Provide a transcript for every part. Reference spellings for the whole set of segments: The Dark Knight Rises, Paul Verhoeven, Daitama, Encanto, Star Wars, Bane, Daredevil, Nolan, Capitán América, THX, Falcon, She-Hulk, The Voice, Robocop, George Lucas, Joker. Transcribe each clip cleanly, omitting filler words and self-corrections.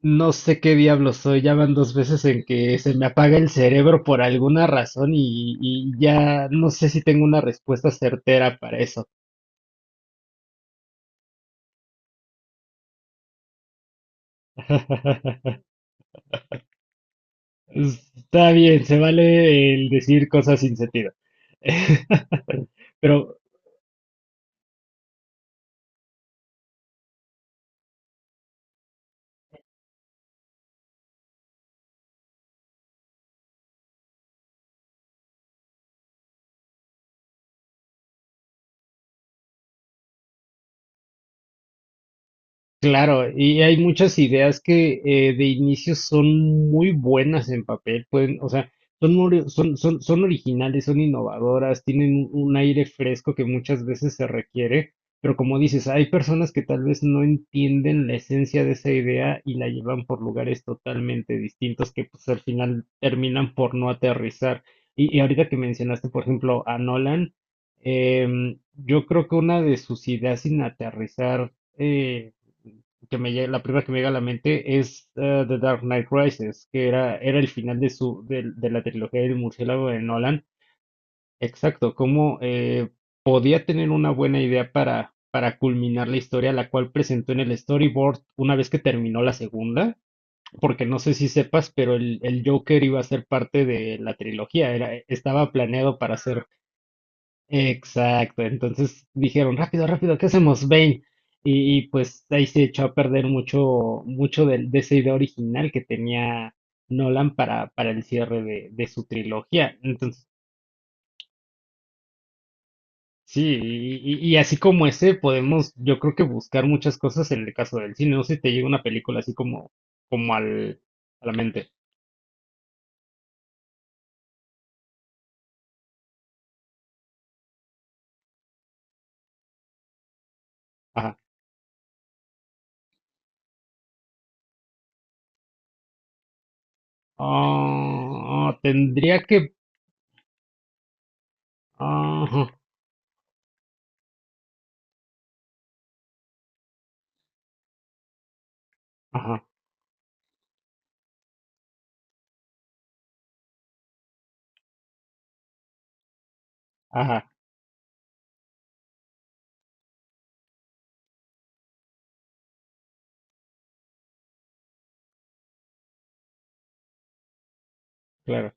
No sé qué diablo soy, ya van dos veces en que se me apaga el cerebro por alguna razón y ya no sé si tengo una respuesta certera para eso. Está bien, se vale el decir cosas sin sentido. Pero claro, y hay muchas ideas que de inicio son muy buenas en papel, pueden, o sea, son originales, son innovadoras, tienen un aire fresco que muchas veces se requiere, pero como dices, hay personas que tal vez no entienden la esencia de esa idea y la llevan por lugares totalmente distintos que pues al final terminan por no aterrizar. Y ahorita que mencionaste, por ejemplo, a Nolan, yo creo que una de sus ideas sin aterrizar, eh, que me llega, la primera que me llega a la mente es The Dark Knight Rises, era el final de la trilogía del murciélago de Nolan. Exacto, cómo podía tener una buena idea para culminar la historia, la cual presentó en el storyboard una vez que terminó la segunda, porque no sé si sepas, pero el Joker iba a ser parte de la trilogía, era, estaba planeado para ser. Exacto, entonces dijeron, rápido, rápido, ¿qué hacemos? Bane. Y, y pues ahí se echó a perder mucho, mucho esa idea original que tenía Nolan para el cierre de su trilogía. Entonces, sí, y así como ese, podemos, yo creo que buscar muchas cosas en el caso del cine. No sé si te llega una película así como, como al, a la mente. Ajá. Ah, tendría que. Ajá, ajá, ajá, claro.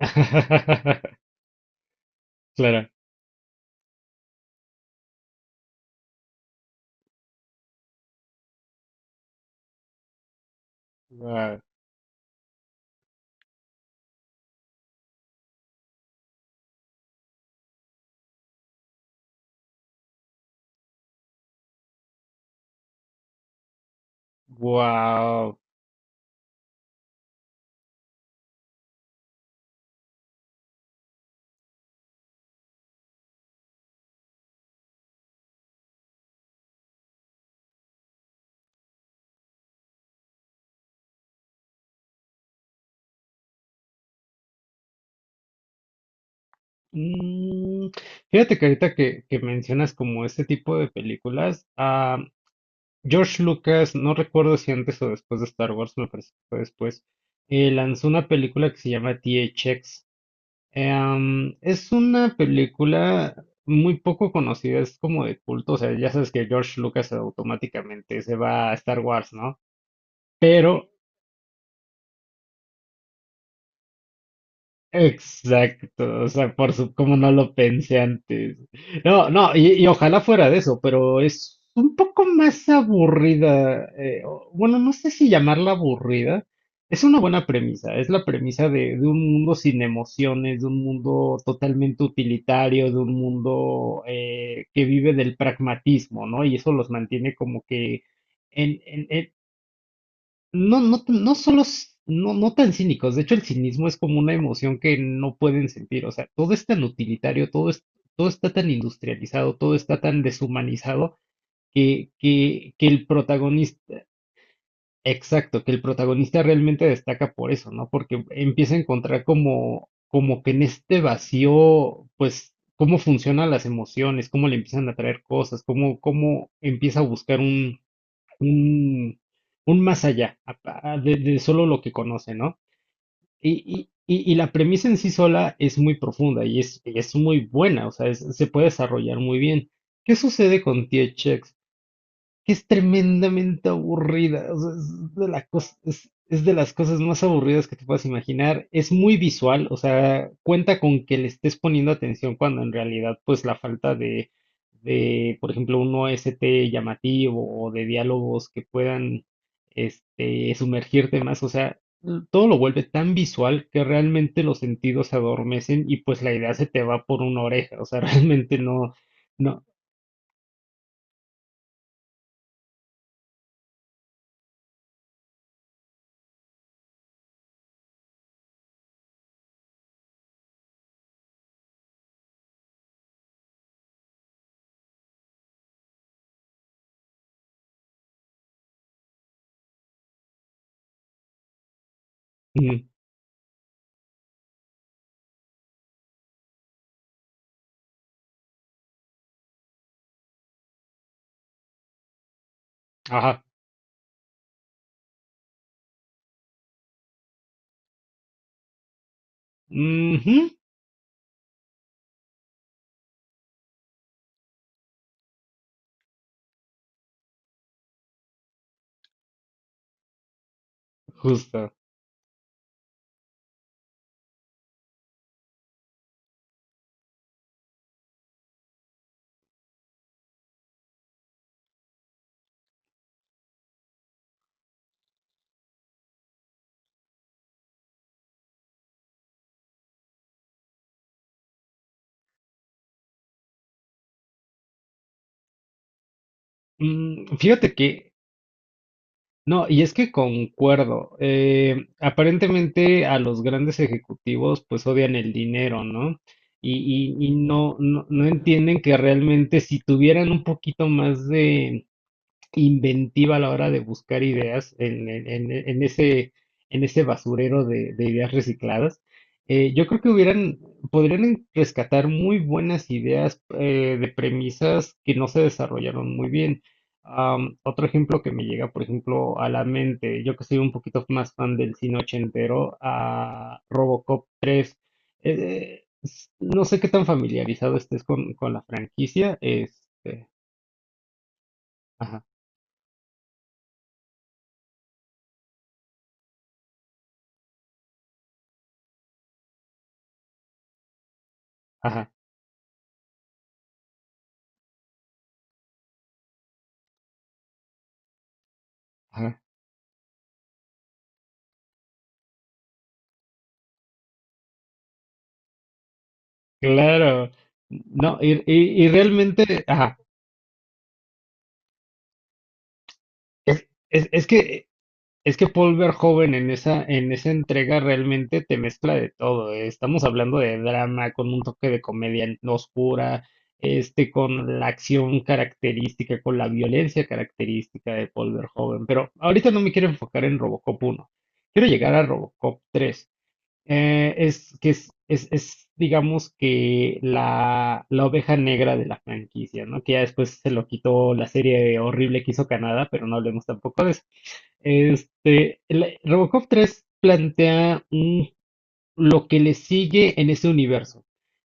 Claro. Ah. Wow. Mm, fíjate que ahorita que mencionas como este tipo de películas, George Lucas, no recuerdo si antes o después de Star Wars, me parece que fue después, lanzó una película que se llama THX. Es una película muy poco conocida, es como de culto, o sea, ya sabes que George Lucas automáticamente se va a Star Wars, ¿no? Pero exacto, o sea, por su, como no lo pensé antes. No, no, y ojalá fuera de eso, pero es un poco más aburrida. Bueno, no sé si llamarla aburrida. Es una buena premisa, es la premisa de un mundo sin emociones, de un mundo totalmente utilitario, de un mundo que vive del pragmatismo, ¿no? Y eso los mantiene como que no solo, no, no tan cínicos, de hecho el cinismo es como una emoción que no pueden sentir, o sea, todo es tan utilitario, todo es, todo está tan industrializado, todo está tan deshumanizado que el protagonista, exacto, que el protagonista realmente destaca por eso, ¿no? Porque empieza a encontrar como, como que en este vacío, pues, cómo funcionan las emociones, cómo le empiezan a traer cosas, cómo, cómo empieza a buscar un, un más allá de solo lo que conoce, ¿no? Y la premisa en sí sola es muy profunda y es muy buena, o sea, se puede desarrollar muy bien. ¿Qué sucede con T.H., que es tremendamente aburrida? O sea, es de las cosas más aburridas que te puedas imaginar. Es muy visual, o sea, cuenta con que le estés poniendo atención cuando en realidad, pues la falta de, por ejemplo, un OST llamativo o de diálogos que puedan, este, sumergirte más, o sea, todo lo vuelve tan visual que realmente los sentidos se adormecen y pues la idea se te va por una oreja, o sea, realmente no, no, mm, ajá. Ujú. Justo. Fíjate que, no, y es que concuerdo. Aparentemente a los grandes ejecutivos pues odian el dinero, ¿no? Y no, no, no entienden que realmente si tuvieran un poquito más de inventiva a la hora de buscar ideas en ese basurero de ideas recicladas. Yo creo que hubieran, podrían rescatar muy buenas ideas de premisas que no se desarrollaron muy bien. Otro ejemplo que me llega, por ejemplo, a la mente, yo que soy un poquito más fan del cine ochentero, a Robocop 3. No sé qué tan familiarizado estés con la franquicia. Este, ajá, ajá, ajá. Claro, no, y realmente, ajá, es, es, es que, es que Paul Verhoeven en esa entrega realmente te mezcla de todo, eh. Estamos hablando de drama con un toque de comedia oscura, este, con la acción característica, con la violencia característica de Paul Verhoeven, pero ahorita no me quiero enfocar en Robocop uno, quiero llegar a Robocop tres. Es que es, digamos que la oveja negra de la franquicia, ¿no? Que ya después se lo quitó la serie horrible que hizo Canadá, pero no hablemos tampoco de eso. Este, Robocop 3 plantea lo que le sigue en ese universo,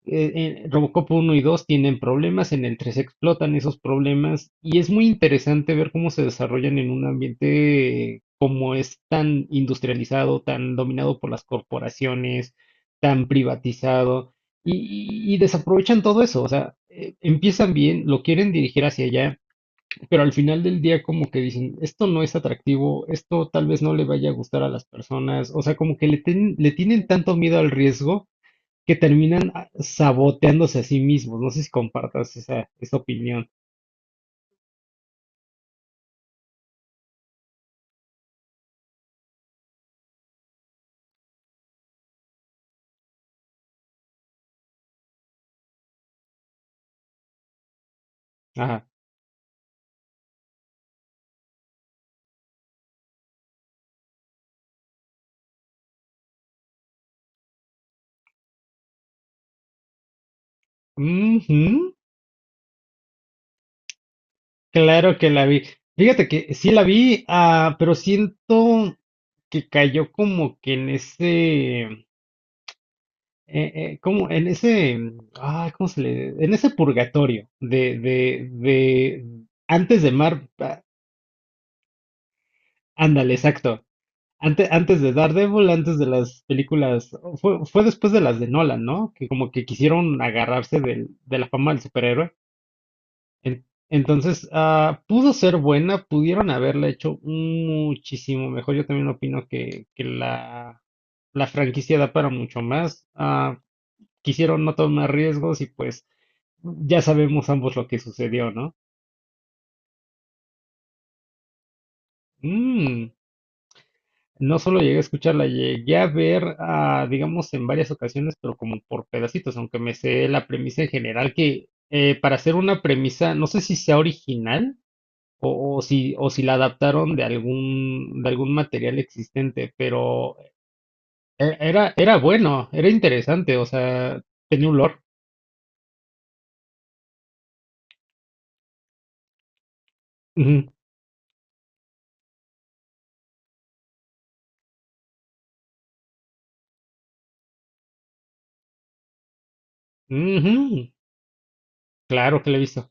Robocop uno y 2 tienen problemas, en el 3 explotan esos problemas y es muy interesante ver cómo se desarrollan en un ambiente como es tan industrializado, tan dominado por las corporaciones, tan privatizado y, y desaprovechan todo eso. O sea, empiezan bien, lo quieren dirigir hacia allá, pero al final del día como que dicen, esto no es atractivo, esto tal vez no le vaya a gustar a las personas, o sea, como que le tienen tanto miedo al riesgo que terminan saboteándose a sí mismos. No sé si compartas esa, esa opinión. Ajá. Ujú. Claro que la vi. Fíjate que sí la vi, ah, pero siento que cayó como que en ese, como en ese, mm, ah, ¿cómo se le? En ese purgatorio de antes de Mar, ah, ándale, exacto. Antes, antes de Daredevil, antes de las películas, fue, fue después de las de Nolan, ¿no? Que como que quisieron agarrarse de la fama del superhéroe. Entonces, ah, pudo ser buena, pudieron haberla hecho muchísimo mejor. Yo también opino que la franquicia da para mucho más. Ah, quisieron no tomar riesgos y pues ya sabemos ambos lo que sucedió, ¿no? Mm. No solo llegué a escucharla, llegué a ver, ah, digamos, en varias ocasiones, pero como por pedacitos, aunque me sé la premisa en general, que para hacer una premisa, no sé si sea original o si la adaptaron de algún material existente, pero era, era bueno, era interesante, o sea, tenía un lore. Ujú, ujú, claro que la he visto.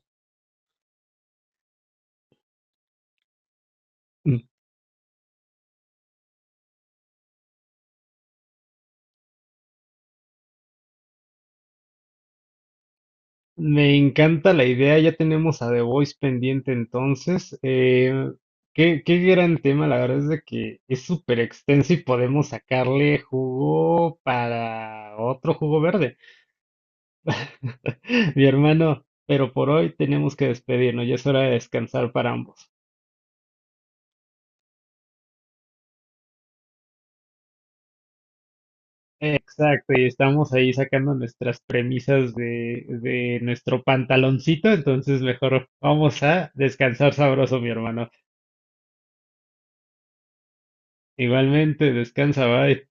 Me encanta la idea, ya tenemos a The Voice pendiente entonces. Qué, qué gran tema, la verdad es de que es súper extenso y podemos sacarle jugo para otro jugo verde, mi hermano, pero por hoy tenemos que despedirnos, ya es hora de descansar para ambos. Exacto, y estamos ahí sacando nuestras premisas de nuestro pantaloncito, entonces mejor vamos a descansar sabroso, mi hermano. Igualmente, descansa, bye.